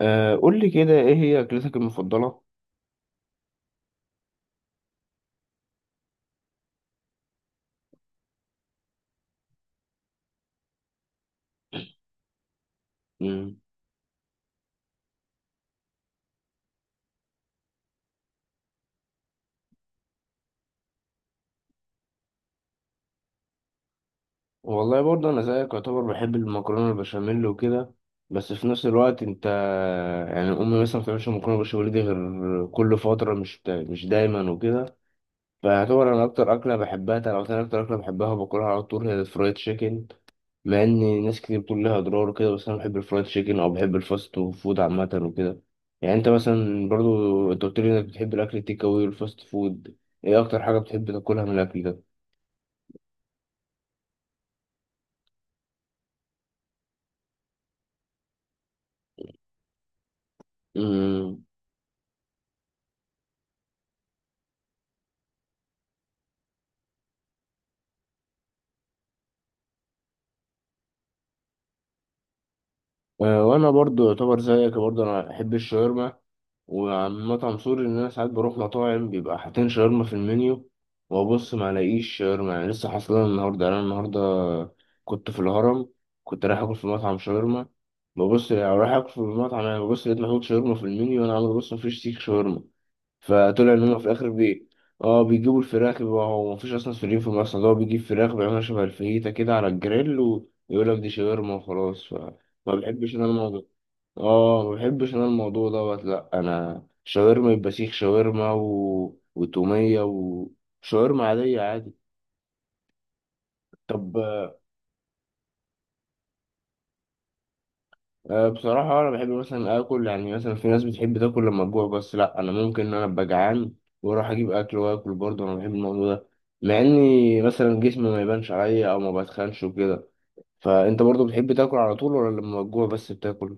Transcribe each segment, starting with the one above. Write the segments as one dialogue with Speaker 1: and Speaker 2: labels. Speaker 1: أه، قول لي كده ايه هي اكلتك المفضله؟ مم. والله برضه انا زيك يعتبر بحب المكرونه البشاميل وكده، بس في نفس الوقت انت يعني امي مثلا ما بتعملش مكرونه بشاميل دي غير كل فتره، مش دايما وكده. فيعتبر انا اكتر اكله بحبها، لو انا اكتر اكله بحبها وباكلها على طول هي الفرايد تشيكن. مع ان ناس كتير بتقول لها اضرار وكده، بس انا بحب الفرايد تشيكن او بحب الفاست فود عامه وكده. يعني انت مثلا برضو انت قلت لي انك بتحب الاكل التيك اوي والفاست فود، ايه اكتر حاجه بتحب تاكلها من الاكل ده؟ أمم. وانا برضو يعتبر زيك، برضو انا بحب الشاورما، وعن مطعم سوري ان انا ساعات بروح مطاعم بيبقى حاطين شاورما في المنيو، وابص ما الاقيش شاورما. يعني لسه حاصلها النهارده، يعني انا النهارده كنت في الهرم، كنت رايح اكل في مطعم شاورما، ببص يعني رايح اكل في المطعم، يعني ببص لقيت محطوط شاورما في المنيو، وانا عمال ابص مفيش سيخ شاورما. فطلع ان هم في اخر بي، اه بيجيبوا الفراخ. بيبقى هو مفيش اصلا سوريين في مصر، ده هو بيجيب فراخ بيعملها شبه الفيتا كده على الجريل ويقول لك دي شاورما وخلاص. فما بحبش انا الموضوع، اه ما بحبش انا الموضوع دوت. لا، انا شاورما يبقى سيخ شاورما وتومية وشاورما عادية عادي. طب، أه بصراحة أنا بحب مثلا آكل. يعني مثلا في ناس بتحب تاكل لما تجوع بس، لأ أنا ممكن إن أنا أبقى جعان وأروح أجيب أكل وآكل برضه، أنا بحب الموضوع ده، مع إني مثلا جسمي ما يبانش عليا أو ما بتخنش وكده. فأنت برضه بتحب تاكل على طول، ولا لما تجوع بس بتاكل؟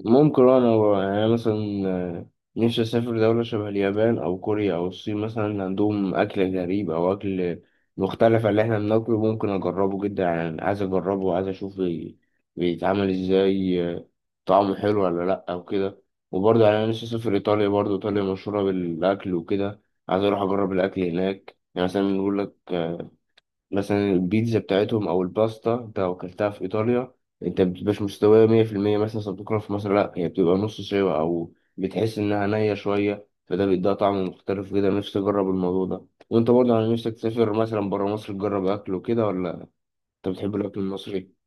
Speaker 1: ممكن انا، يعني أنا مثلا نفسي اسافر دولة شبه اليابان او كوريا او الصين، مثلا عندهم اكل غريب او اكل مختلف عن اللي احنا بناكله، ممكن اجربه جدا. يعني عايز اجربه وعايز اشوف بيتعمل ازاي، طعمه حلو ولا لا او كده. وبرضه يعني انا نفسي اسافر ايطاليا، برضه ايطاليا مشهورة بالاكل وكده، عايز اروح اجرب الاكل هناك. يعني مثلا يقول لك مثلا البيتزا بتاعتهم او الباستا، انت لو اكلتها في ايطاليا انت مبتبقاش مستويه 100% مثلا زي ما بتاكلها في مصر، لا هي بتبقى نص سوا او بتحس انها نيه شويه، فده بيديها طعم مختلف كده. نفسي اجرب الموضوع ده. وانت برضه على نفسك تسافر مثلا بره مصر تجرب اكل وكده، ولا انت بتحب الاكل المصري؟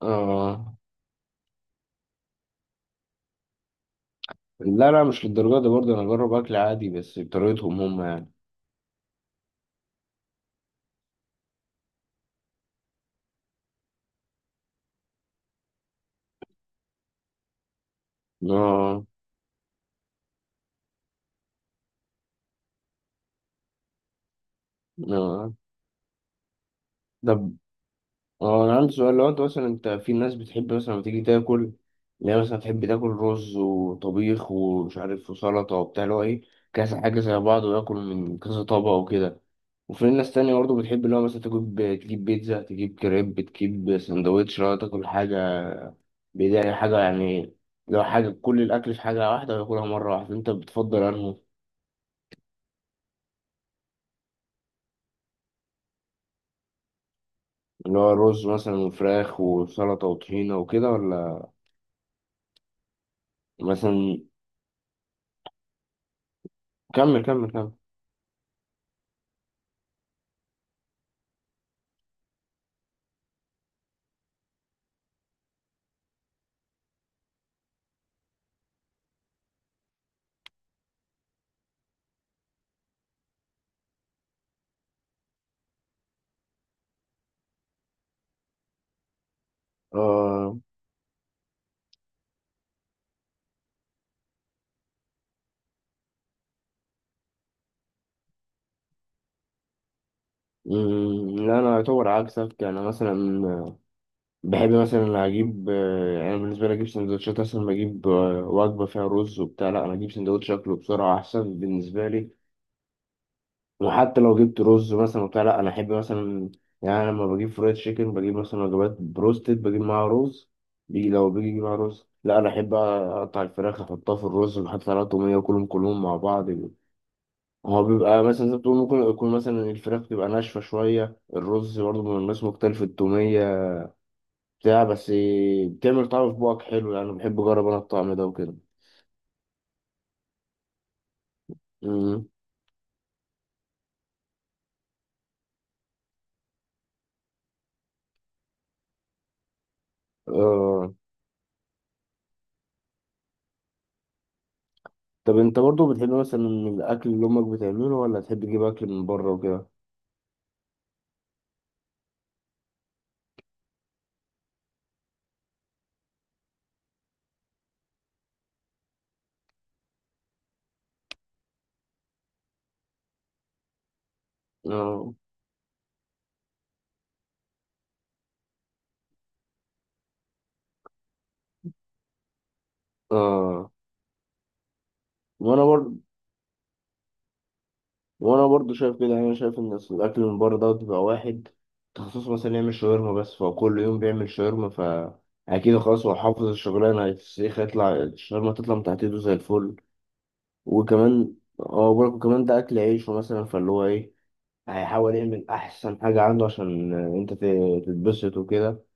Speaker 1: اه. لا لا مش للدرجه دي، برضه انا اجرب اكل عادي بس بطريقتهم هم يعني. اه. اه. طب، اه انا عندي سؤال. لو انت مثلا، انت في ناس بتحب مثلا لما تيجي تاكل اللي هي مثلا تحب تاكل رز وطبيخ ومش عارف وسلطه وبتاع، اللي هو ايه، كذا حاجه زي بعض وياكل من كذا طبق وكده. وفي ناس تانية برضه بتحب اللي هو مثلا تجيب بيتزا، تجيب كريب، تجيب سندوتش، اللي هو تاكل حاجه بداية حاجه يعني، لو حاجه كل الاكل في حاجه واحده وياكلها مره واحده. انت بتفضل انه اللي هو رز مثلا وفراخ وسلطه وطحينه وكده، ولا مثلا؟ كمل كمل كمل. مم، لا انا اعتبر عكسك. انا مثلا بحب مثلا اجيب، يعني بالنسبه لي اجيب سندوتشات. مثلا بجيب وجبه فيها رز وبتاع، لا انا اجيب سندوتش اكله بسرعه احسن بالنسبه لي. وحتى لو جبت رز مثلا وبتاع، لا انا احب مثلا، يعني لما بجيب فرايد تشيكن، بجيب مثلا وجبات بروستد، بجيب معاها رز، بيجي لو بيجي معاها رز، لا انا احب اقطع الفراخ احطها في الرز واحط عليها طوميه وكلهم كلهم مع بعض. هو بيبقى مثلا زي ما بتقول، ممكن يكون مثلا الفراخ تبقى ناشفة شوية، الرز برضه من الناس مختلف، التومية بتاع، بس بتعمل طعم في بوقك حلو. يعني بحب أجرب أنا الطعم ده وكده. أمم. آه. طب أنت برضه بتحب مثلا الأكل اللي أمك بتعمله ولا تحب تجيب أكل من بره وكده؟ آه. آه. وأنا برضه وانا برضو شايف كده. يعني انا شايف ان أصل الاكل من بره دوت بيبقى واحد تخصص مثلا يعمل شاورما بس، فهو كل يوم بيعمل شاورما، فا اكيد خلاص هو حافظ الشغلانه، هيتسيخ يطلع الشاورما، تطلع من تحت ايده زي الفل. وكمان هو برضه كمان ده اكل عيشه مثلا، فاللي هو ايه، هيحاول يعمل احسن حاجه عنده عشان انت تتبسط وكده.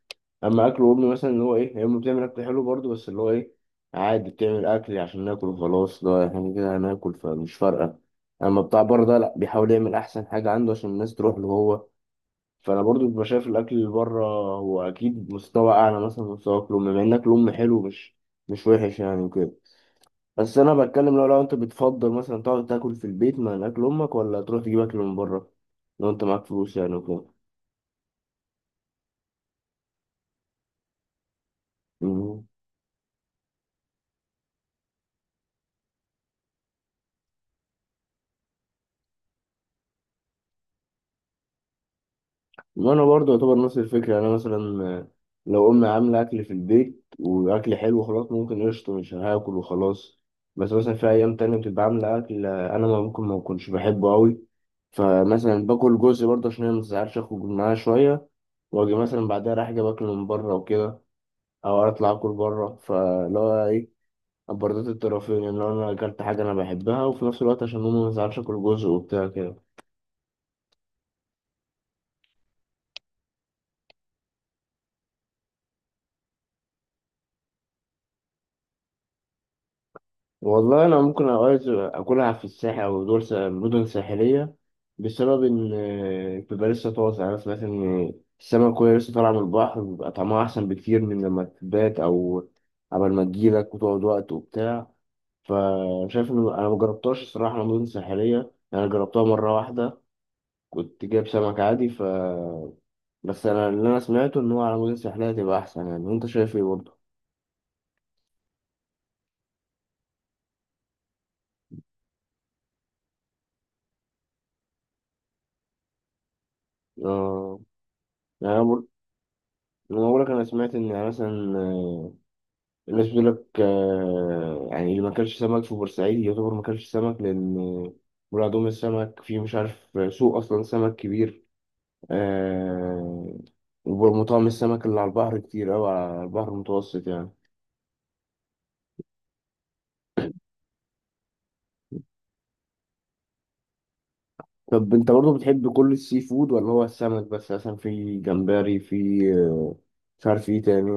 Speaker 1: اما اكل وامي مثلا اللي هو ايه، هي امي بتعمل اكل حلو برضو، بس اللي هو ايه، عادي بتعمل اكل عشان ناكل وخلاص، لا احنا كده هناكل فمش فارقه. اما بتاع بره ده لا، بيحاول يعمل احسن حاجه عنده عشان الناس تروح له هو. فانا برضو ببقى شايف الاكل اللي بره هو اكيد مستوى اعلى مثلا من مستوى اكل امي، مع ان اكل امي حلو، مش وحش يعني وكده. بس انا بتكلم، لو انت بتفضل مثلا تقعد تاكل في البيت مع اكل امك، ولا تروح تجيب اكل من بره، لو انت معاك فلوس يعني وكده. وانا برضه يعتبر نفس الفكره. يعني انا مثلا لو امي عامله اكل في البيت واكل حلو، خلاص ممكن قشطه مش هاكل وخلاص. بس مثلا في ايام تانية بتبقى عامله اكل انا ما ممكن ما اكونش بحبه قوي، فمثلا باكل جزء برضه عشان هي ما تزعلش، اخرج معاها شويه واجي مثلا بعدها رايح جايب اكل من بره وكده، او اطلع اكل بره. فاللي هو ايه، برضه الطرفين ان، يعني لو انا اكلت حاجه انا بحبها، وفي نفس الوقت عشان ماما ما تزعلش اكل جزء وبتاع كده. والله انا ممكن اوقات اكلها في الساحل او دول مدن ساحليه، بسبب ان بيبقى لسه طازه. يعني انا سمعت ان السمك وهي لسه طالعه من البحر بيبقى طعمها احسن بكتير من لما تبات، او قبل ما تجيلك وتقعد وقت وبتاع. فشايف ان انا مجربتهاش الصراحه مدن ساحليه يعني، انا جربتها مره واحده، كنت جايب سمك عادي ف، بس انا اللي انا سمعته ان هو على مدن ساحليه تبقى احسن. يعني انت شايف ايه برضه؟ اه. يعني انا بقول لك انا سمعت ان، يعني مثلا الناس بتقول لك يعني اللي ما كانش سمك في بورسعيد يعتبر ما كانش سمك، لأن مرادهم السمك في مش عارف، سوق أصلا سمك كبير، آه، ومطاعم السمك اللي على البحر كتير أوي على البحر المتوسط يعني. طب أنت برضه بتحب كل السي فود، ولا هو السمك بس، مثلا في جمبري، في آه، مش عارف إيه تاني؟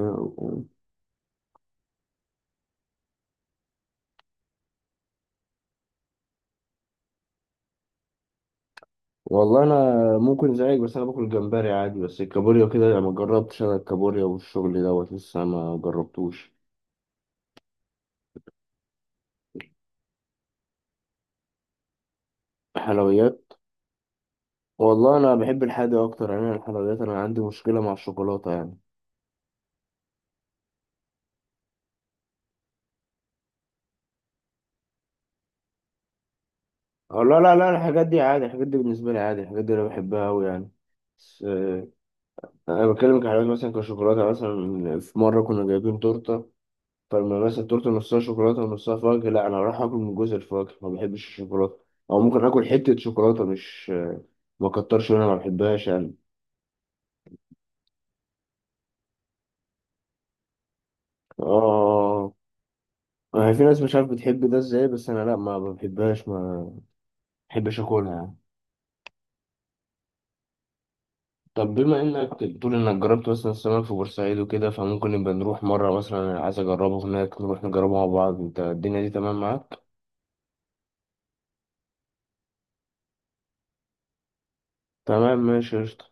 Speaker 1: والله أنا ممكن زيك، بس أنا باكل جمبري عادي، بس الكابوريا كده ما جربتش. أنا الكابوريا والشغل دوت لسه ما جربتوش. حلويات. والله انا بحب الحادق اكتر. يعني أنا الحلويات، انا عندي مشكله مع الشوكولاته يعني. أو لا لا لا، الحاجات دي عادي، الحاجات دي بالنسبه لي عادي، الحاجات دي انا بحبها قوي يعني. بس انا بتكلم كحلويات، مثلا كشوكولاته. مثلا في مره كنا جايبين تورته، فلما مثلا التورته نصها شوكولاته ونصها فواكه، لا انا راح اكل من جزء الفواكه، ما بحبش الشوكولاته. او ممكن اكل حته شوكولاته، مش ما كترش منها، ما بحبهاش يعني. اه آه. في ناس مش عارف بتحب ده ازاي، بس انا لا ما بحبهاش، ما بحبش اكلها يعني. طب بما انك بتقول انك جربت مثلا السمك في بورسعيد وكده، فممكن نبقى نروح مرة مثلا، انا عايز اجربه هناك، نروح نجربه مع بعض. انت الدنيا دي تمام معاك؟ تمام، ماشي، قشطة.